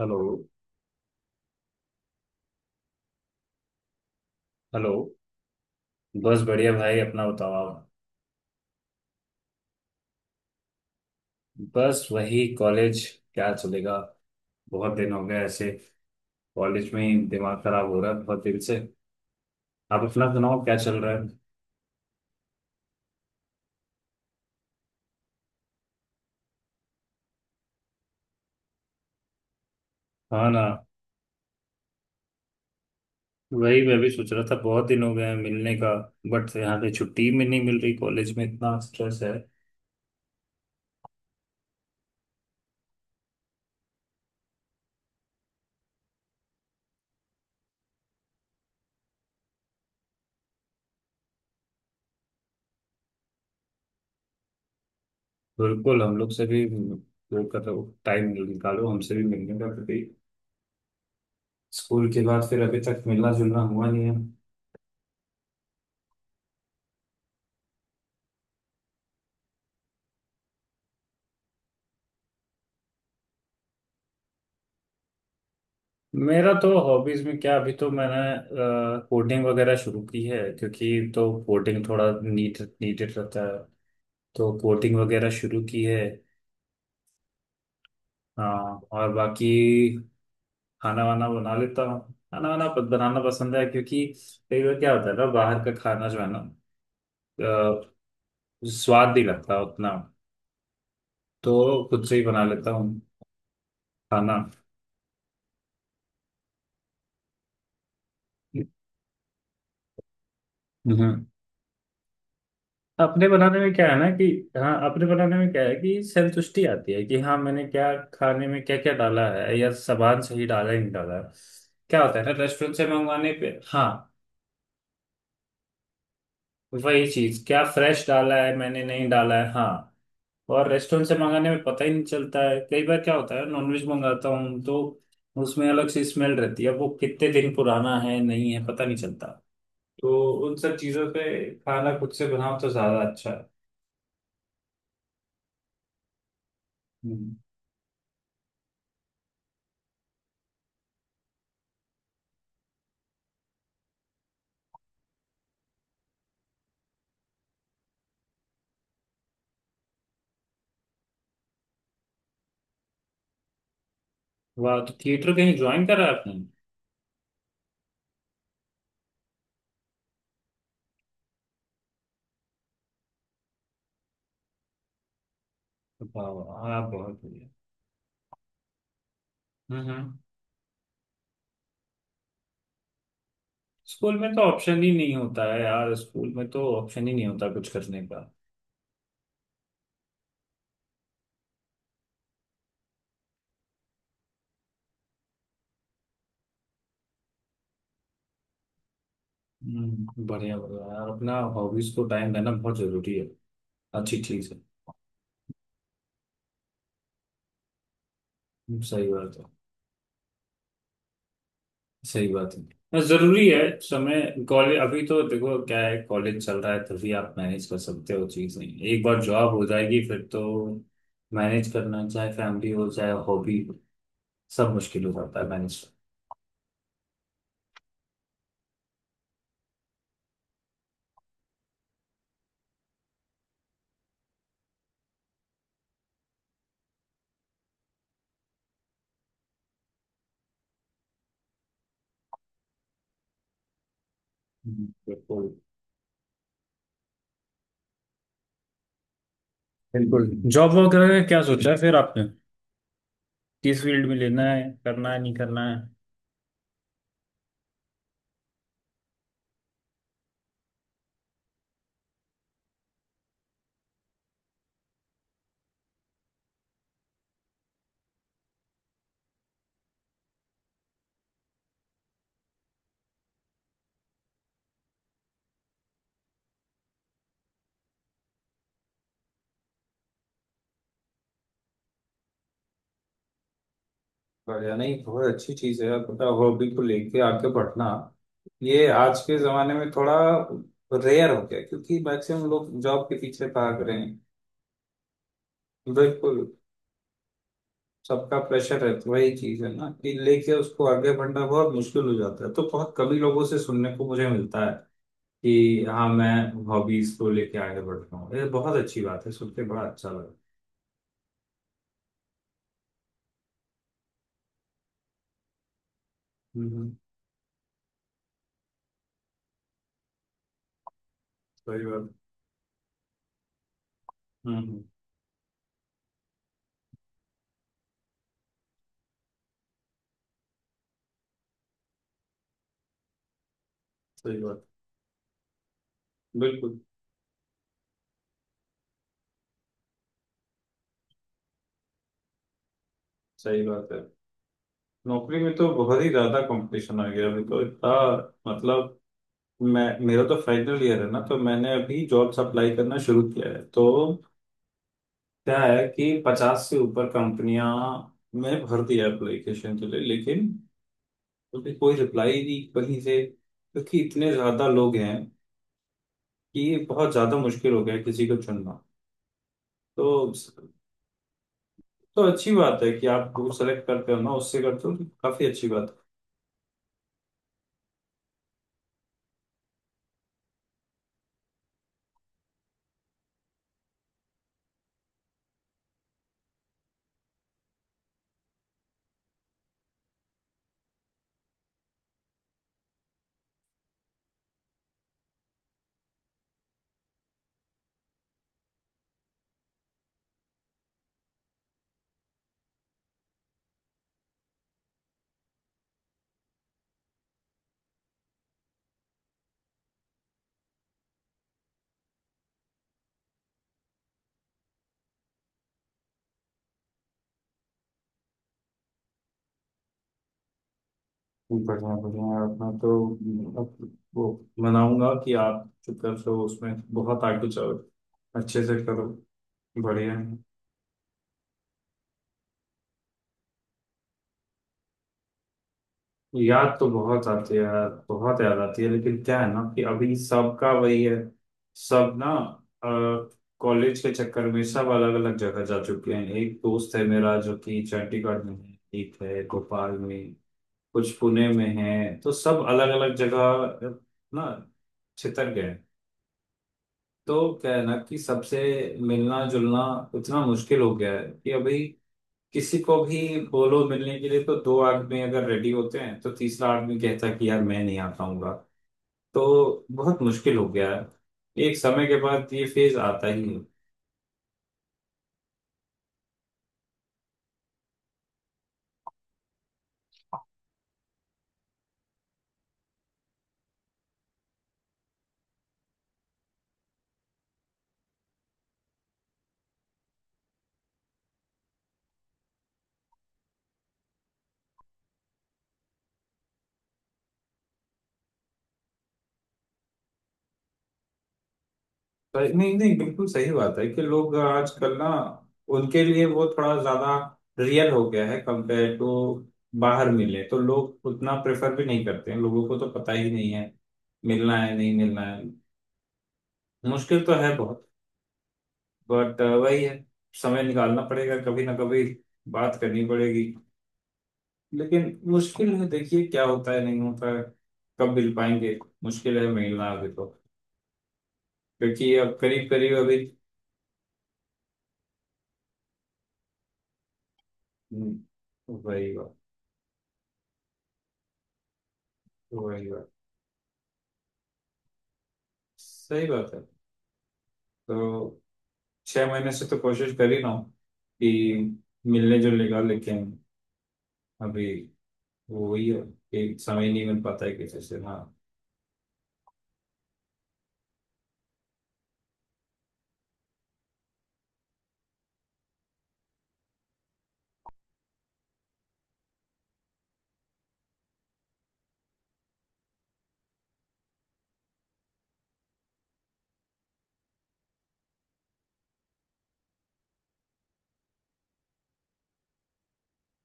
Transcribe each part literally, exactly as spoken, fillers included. Hello. Hello. बस बढ़िया भाई, अपना बताओ आप। बस वही कॉलेज, क्या चलेगा। बहुत दिन हो गए ऐसे। कॉलेज में ही दिमाग खराब हो रहा है बहुत दिन से। आप अपना सुनाओ, क्या चल रहा है। हाँ ना, वही मैं भी सोच रहा था, बहुत दिन हो गए हैं मिलने का। बट यहाँ पे छुट्टी में नहीं मिल रही, कॉलेज में इतना स्ट्रेस है। बिल्कुल, हम लोग से भी वो करो, टाइम निकालो हमसे भी मिलने का कभी। स्कूल के बाद फिर अभी तक मिलना जुलना हुआ नहीं है। मेरा तो हॉबीज में क्या, अभी तो मैंने कोडिंग वगैरह शुरू की है, क्योंकि तो कोडिंग थोड़ा नीड नीडेड रहता है। तो कोडिंग वगैरह शुरू की है। हाँ और बाकी खाना वाना बना लेता हूँ, खाना वाना प- बनाना पसंद है, क्योंकि कई बार क्या होता है ना, बाहर का खाना जो है ना, अ, स्वाद नहीं लगता उतना। तो खुद से ही बना लेता हूँ खाना। हम्म। अपने बनाने में क्या है ना कि, हाँ, अपने बनाने में क्या है कि संतुष्टि आती है कि हाँ मैंने क्या खाने में क्या क्या डाला है, या सामान सही डाला है नहीं डाला है। क्या होता है ना, रेस्टोरेंट से मंगवाने पे, हाँ वही चीज, क्या फ्रेश डाला है मैंने, नहीं डाला है। हाँ, और रेस्टोरेंट से मंगाने में पता ही नहीं चलता है। कई बार क्या होता है, नॉनवेज मंगाता हूँ तो उसमें अलग सी स्मेल रहती है, वो कितने दिन पुराना है नहीं है पता नहीं चलता। तो उन सब चीजों पे खाना खुद से बनाओ तो ज्यादा अच्छा है। हम्म। वाह, तो थिएटर कहीं ज्वाइन करा आपने। वाह वाह, हाँ बहुत बढ़िया। हम्म हम्म। स्कूल में तो ऑप्शन ही नहीं होता है यार, स्कूल में तो ऑप्शन ही नहीं होता कुछ करने का। हम्म, बढ़िया बढ़िया यार, अपना हॉबीज को टाइम देना बहुत जरूरी है। अच्छी चीज है। हम्म, सही बात है। सही बात है। हाँ, जरूरी है समय। कॉलेज अभी तो देखो क्या है, कॉलेज चल रहा है तभी आप मैनेज कर सकते हो चीज, नहीं एक बार जॉब हो जाएगी फिर तो मैनेज करना, चाहे फैमिली हो चाहे हॉबी, सब मुश्किल हो जाता है मैनेज। बिल्कुल। बिल्कुल। जॉब वॉब करने का क्या सोचा है फिर आपने, किस फील्ड में लेना है, करना है नहीं करना है। बढ़िया, नहीं बहुत अच्छी चीज है, पता हो बिल्कुल लेके आगे बढ़ना। ये आज के जमाने में थोड़ा रेयर हो गया, क्योंकि मैक्सिमम लोग जॉब के पीछे भाग रहे हैं। बिल्कुल, सबका प्रेशर है तो वही चीज है ना कि लेके उसको आगे बढ़ना बहुत मुश्किल हो जाता है। तो बहुत कम ही लोगों से सुनने को मुझे मिलता है कि हाँ मैं हॉबीज को लेके आगे बढ़ रहा हूँ। ये बहुत अच्छी बात है, सुन के बड़ा अच्छा लगा। सही बात। हम्म। सही बात। बिल्कुल सही बात है। नौकरी में तो बहुत ही ज्यादा कंपटीशन आ गया अभी, तो इतना मतलब, मैं मेरा तो फाइनल ईयर है ना, तो मैंने अभी जॉब्स अप्लाई करना शुरू किया है। तो क्या है कि पचास से ऊपर कंपनियां में भर दिया एप्लीकेशन के लिए, लेकिन अभी कोई रिप्लाई नहीं कहीं से, क्योंकि इतने ज्यादा लोग हैं कि बहुत ज्यादा मुश्किल हो गया है किसी को चुनना। तो तो अच्छी बात है कि आप ग्रुप सेलेक्ट करते हो ना, उससे करते हो तो काफी अच्छी बात है। जी, बढ़िया बढ़िया यार, मैं तो, हम्म, अब वो मनाऊंगा कि आप जो कर रहे हो उसमें बहुत आगे चलो, अच्छे से करो। बढ़िया है। याद तो बहुत आती है यार, बहुत याद आती है, लेकिन क्या है ना कि अभी सबका वही है, सब ना कॉलेज के चक्कर में सब अलग अलग जगह जा चुके हैं। एक दोस्त है मेरा जो कि चंडीगढ़ में है, एक है भोपाल में, कुछ पुणे में है। तो सब अलग अलग जगह ना छितर गए। तो क्या है ना कि सबसे मिलना जुलना इतना मुश्किल हो गया है कि अभी किसी को भी बोलो मिलने के लिए, तो दो आदमी अगर रेडी होते हैं तो तीसरा आदमी कहता है कि यार मैं नहीं आ पाऊंगा। तो बहुत मुश्किल हो गया है, एक समय के बाद ये फेज आता ही है। पर नहीं नहीं, बिल्कुल सही बात है कि लोग आजकल ना, उनके लिए वो थोड़ा ज्यादा रियल हो गया है कंपेयर टू बाहर मिले तो। लोग उतना प्रेफर भी नहीं करते हैं, लोगों को तो पता ही नहीं है मिलना है नहीं मिलना है। मुश्किल तो है बहुत, बट वही है, समय निकालना पड़ेगा कभी ना कभी, बात करनी पड़ेगी। लेकिन मुश्किल है, देखिए क्या होता है नहीं होता है, कब मिल पाएंगे। मुश्किल है मिलना अभी तो, क्योंकि अब करीब करीब अभी, हम्म, वही बात। वही बात, सही बात है। तो छह महीने से तो कोशिश कर ही रहा हूँ कि मिलने जुलने का, लेकिन अभी वही है कि समय नहीं मिल पाता है किसी से। हाँ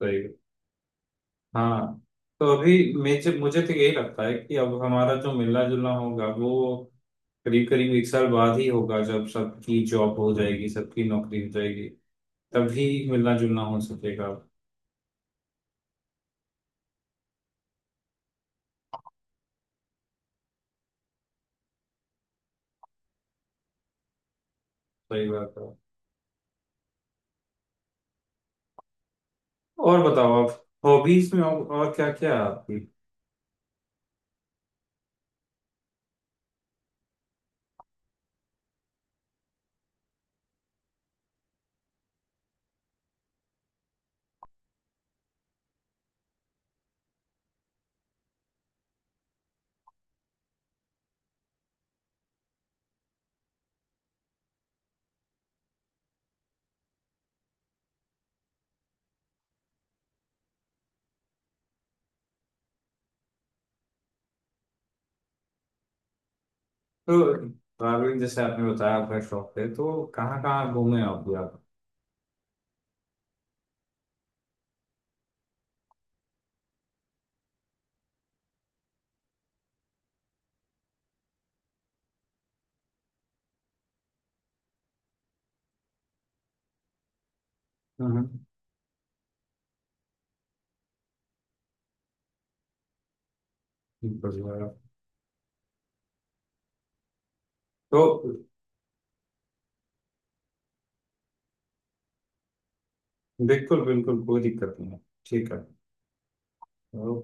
सही। हाँ। तो अभी मुझे मुझे तो यही लगता है कि अब हमारा जो मिलना जुलना होगा वो करीब करीब एक साल बाद ही होगा, जब सबकी जॉब हो जाएगी, सबकी नौकरी हो जाएगी, तभी मिलना जुलना हो सकेगा। सही बात है। और बताओ आप, हॉबीज में और, और क्या क्या है आपकी। तो ट्रैवलिंग जैसे आपने बताया आपका शौक है, तो कहाँ कहाँ घूमे आप भी आप। हम्म। हम्म, बढ़िया। तो बिल्कुल बिल्कुल कोई दिक्कत नहीं है। ठीक है। ओके।